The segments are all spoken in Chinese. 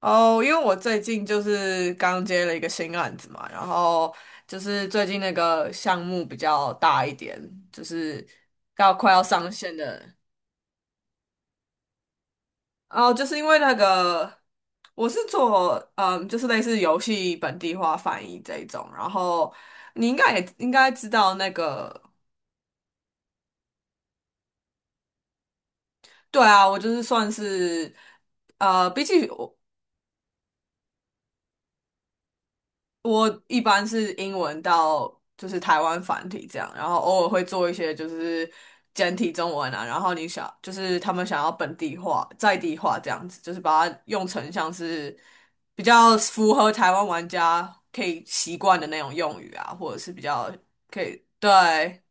哦，因为我最近就是刚接了一个新案子嘛，然后就是最近那个项目比较大一点，就是要快要上线的。哦，就是因为那个我是做就是类似游戏本地化翻译这一种，然后你应该知道那个。对啊，我就是算是比起我我一般是英文到就是台湾繁体这样，然后偶尔会做一些就是简体中文啊，然后你想就是他们想要本地化、在地化这样子，就是把它用成像是比较符合台湾玩家可以习惯的那种用语啊，或者是比较可以。对，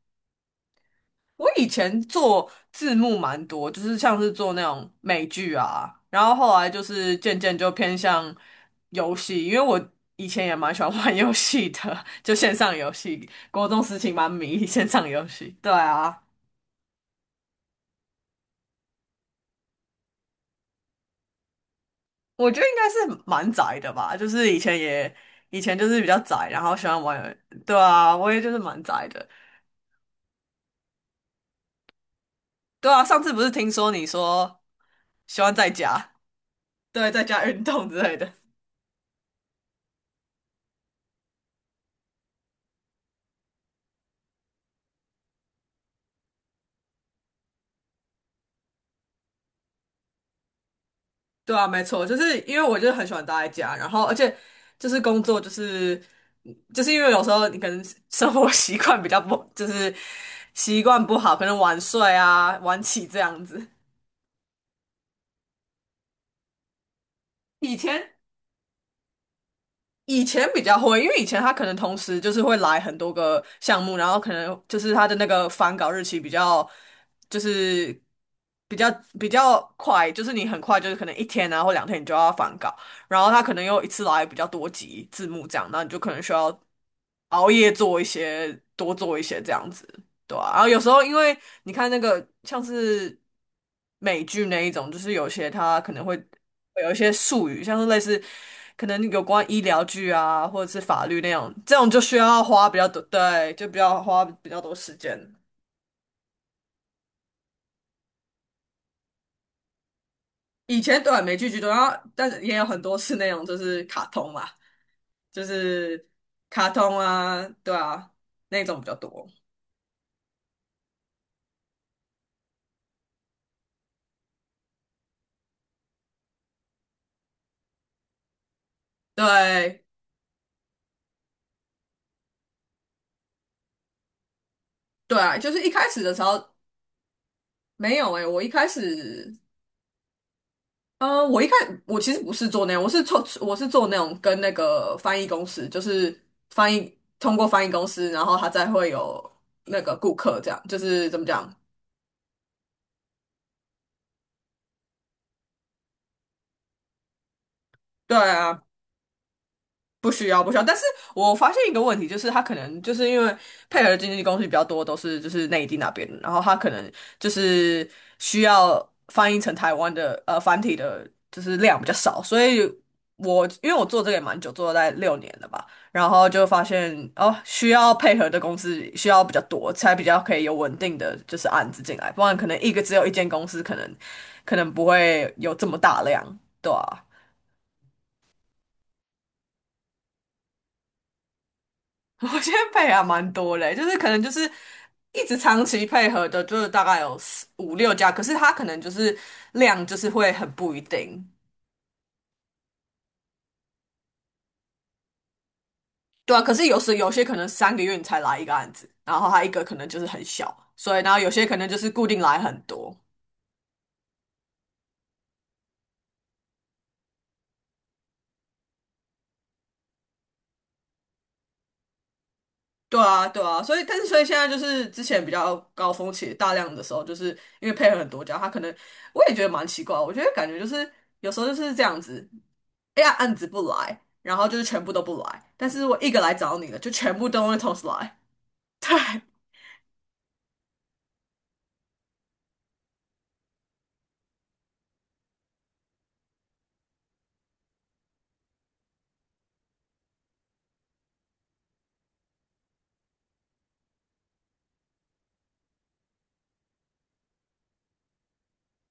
我以前做字幕蛮多，就是像是做那种美剧啊，然后后来就是渐渐就偏向游戏，因为我以前也蛮喜欢玩游戏的，就线上游戏，国中时期蛮迷线上游戏。对啊，我觉得应该是蛮宅的吧，就是以前就是比较宅，然后喜欢玩。对啊，我也就是蛮宅的。对啊，上次不是听说你说喜欢在家，对，在家运动之类的。对啊，没错，就是因为我就是很喜欢待在家，然后而且就是工作，就是就是因为有时候你可能生活 习惯比较不，就是习惯不好，可能晚睡啊、晚起这样子。以前以前比较会，因为以前他可能同时就是会来很多个项目，然后可能就是他的那个返稿日期比较，就是比较比较快，就是你很快就是可能1天啊或2天你就要返稿，然后他可能又一次来比较多集字幕这样，那你就可能需要熬夜做一些，多做一些这样子。对啊，然后有时候因为你看那个像是美剧那一种，就是有些它可能会有一些术语，像是类似可能有关医疗剧啊，或者是法律那样，这种就需要花比较多，对，就比较花比较多时间。以前对啊美剧居多，然后但是也有很多是那种就是卡通嘛，就是卡通啊，对啊，那种比较多。对对啊，就是一开始的时候没有哎，我一开始呃，我一开我其实不是做那样，我是做那种跟那个翻译公司，就是翻译通过翻译公司，然后他再会有那个顾客这样，就是怎么讲？对啊，不需要，不需要。但是我发现一个问题，就是他可能就是因为配合的经纪公司比较多，都是就是内地那边的，然后他可能就是需要翻译成台湾的繁体的，就是量比较少。所以因为我做这个也蛮久，做了大概6年了吧，然后就发现哦，需要配合的公司需要比较多，才比较可以有稳定的就是案子进来，不然可能一个只有一间公司，可能不会有这么大量，对啊。我现在配还蛮多嘞，就是可能就是一直长期配合的，就是大概有四五六家，可是他可能就是量就是会很不一定。对啊，可是有时有些可能3个月你才来一个案子，然后他一个可能就是很小，所以然后有些可能就是固定来很多。对啊，对啊，所以但是所以现在就是之前比较高峰期大量的时候，就是因为配合很多家，他可能我也觉得蛮奇怪，我觉得感觉就是有时候就是这样子，哎呀案子不来，然后就是全部都不来，但是我一个来找你了，就全部都会同时来。对，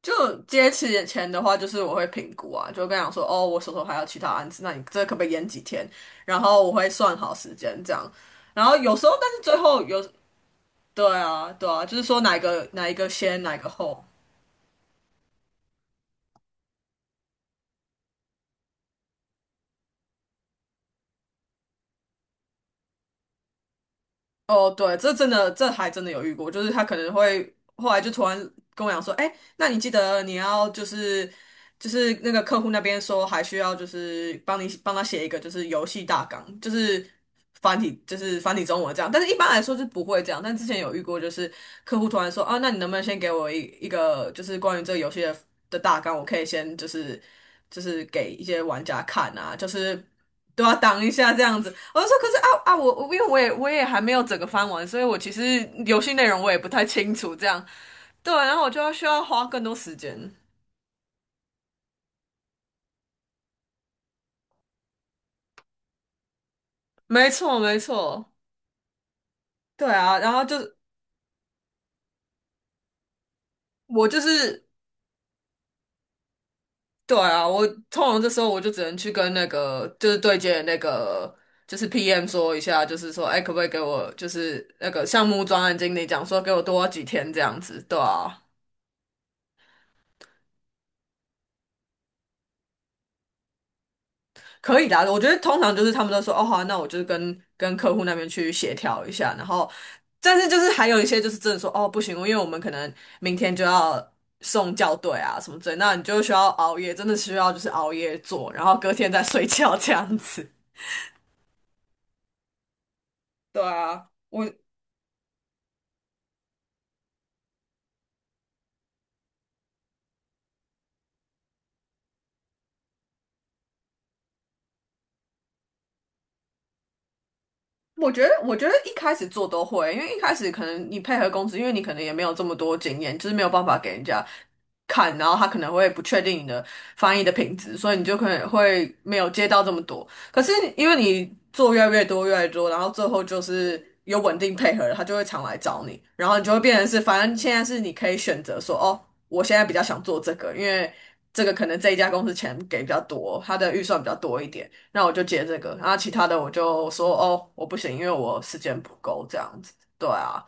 就接起眼前的话，就是我会评估啊，就跟他讲说，哦，我手头还有其他案子，那你这可不可以延几天？然后我会算好时间这样，然后有时候但是最后有。对啊，对啊，就是说哪一个先，哪一个后。哦，对，这真的，这还真的有遇过，就是他可能会后来就突然跟我讲说，哎，那你记得你要就是那个客户那边说还需要就是帮他写一个就是游戏大纲，就是繁体中文这样，但是一般来说是不会这样，但之前有遇过就是客户突然说啊，那你能不能先给我一个就是关于这个游戏的大纲，我可以先就是。就是给一些玩家看啊，就是都要挡一下这样子。我就说，可是啊，我因为我也还没有整个翻完，所以我其实游戏内容我也不太清楚这样。对啊，然后我就要需要花更多时间。没错，没错，对啊，然后就是我就是对啊，我通常这时候我就只能去跟那个就是对接的那个就是 PM 说一下，就是说，哎，可不可以给我就是那个项目专案经理讲说给我多几天这样子，对啊。可以的啊，我觉得通常就是他们都说哦好啊，那我就是跟客户那边去协调一下，然后，但是就是还有一些就是真的说哦不行，因为我们可能明天就要送校对啊什么之类，那你就需要熬夜，真的需要就是熬夜做，然后隔天再睡觉这样子。对啊，我觉得一开始做都会，因为一开始可能你配合公司，因为你可能也没有这么多经验，就是没有办法给人家看，然后他可能会不确定你的翻译的品质，所以你就可能会没有接到这么多。可是因为你做越来越多，越来越多，然后最后就是有稳定配合了，他就会常来找你，然后你就会变成是，反正现在是你可以选择说，哦，我现在比较想做这个，因为这个可能这一家公司钱给比较多，他的预算比较多一点。那我就接这个，然后其他的我就说哦，我不行，因为我时间不够这样子。对啊，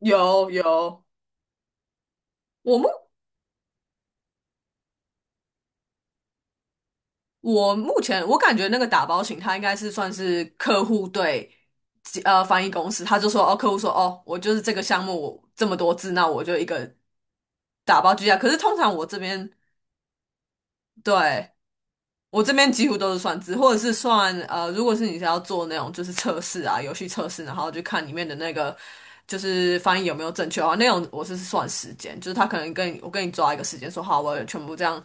有有，我目我目前我感觉那个打包型，他应该是算是客户对翻译公司，他就说哦，客户说哦，我就是这个项目我这么多字，那我就一个打包居下。可是通常我这边对。我这边几乎都是算字，或者是算，如果是你是要做那种就是测试啊，游戏测试，然后就看里面的那个就是翻译有没有正确的话，那种我是算时间，就是他可能我跟你抓一个时间，说好，我全部这样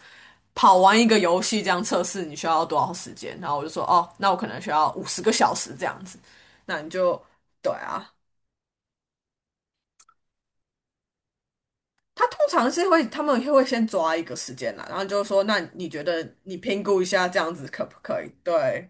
跑完一个游戏这样测试，你需要多少时间？然后我就说哦，那我可能需要50个小时这样子，那你就对啊。他通常是会，他们会先抓一个时间啦，然后就说，那你觉得你评估一下这样子可不可以？对，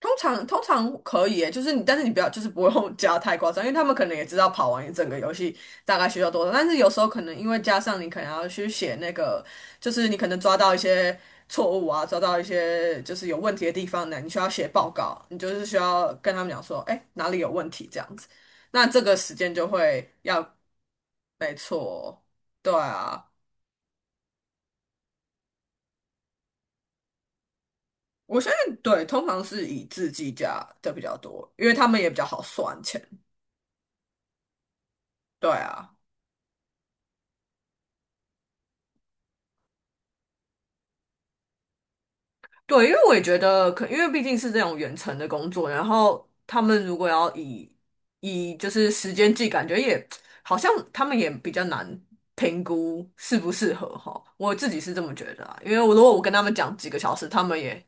通常可以耶，就是你，但是你不要，就是不用 加太夸张，因为他们可能也知道跑完一整个游戏大概需要多少，但是有时候可能因为加上你可能要去写那个，就是你可能抓到一些错误啊，抓到一些就是有问题的地方呢，你需要写报告，你就是需要跟他们讲说，哎，哪里有问题这样子，那这个时间就会要。对啊，我相信对，通常是以字计价的比较多，因为他们也比较好算钱，对啊。对，因为我也觉得可，因为毕竟是这种远程的工作，然后他们如果要以就是时间计，感觉也好像他们也比较难评估适不适合哈。我自己是这么觉得啊，因为我如果我跟他们讲几个小时，他们也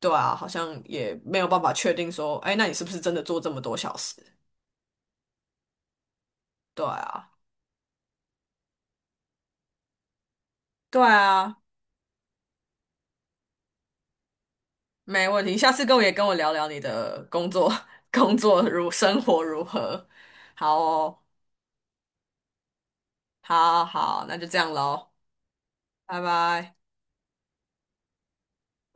对啊，好像也没有办法确定说，哎，那你是不是真的做这么多小时？对啊，对啊，没问题。下次跟我，也跟我聊聊你的工作，工作如生活如何？好哦。好好，那就这样喽，拜拜。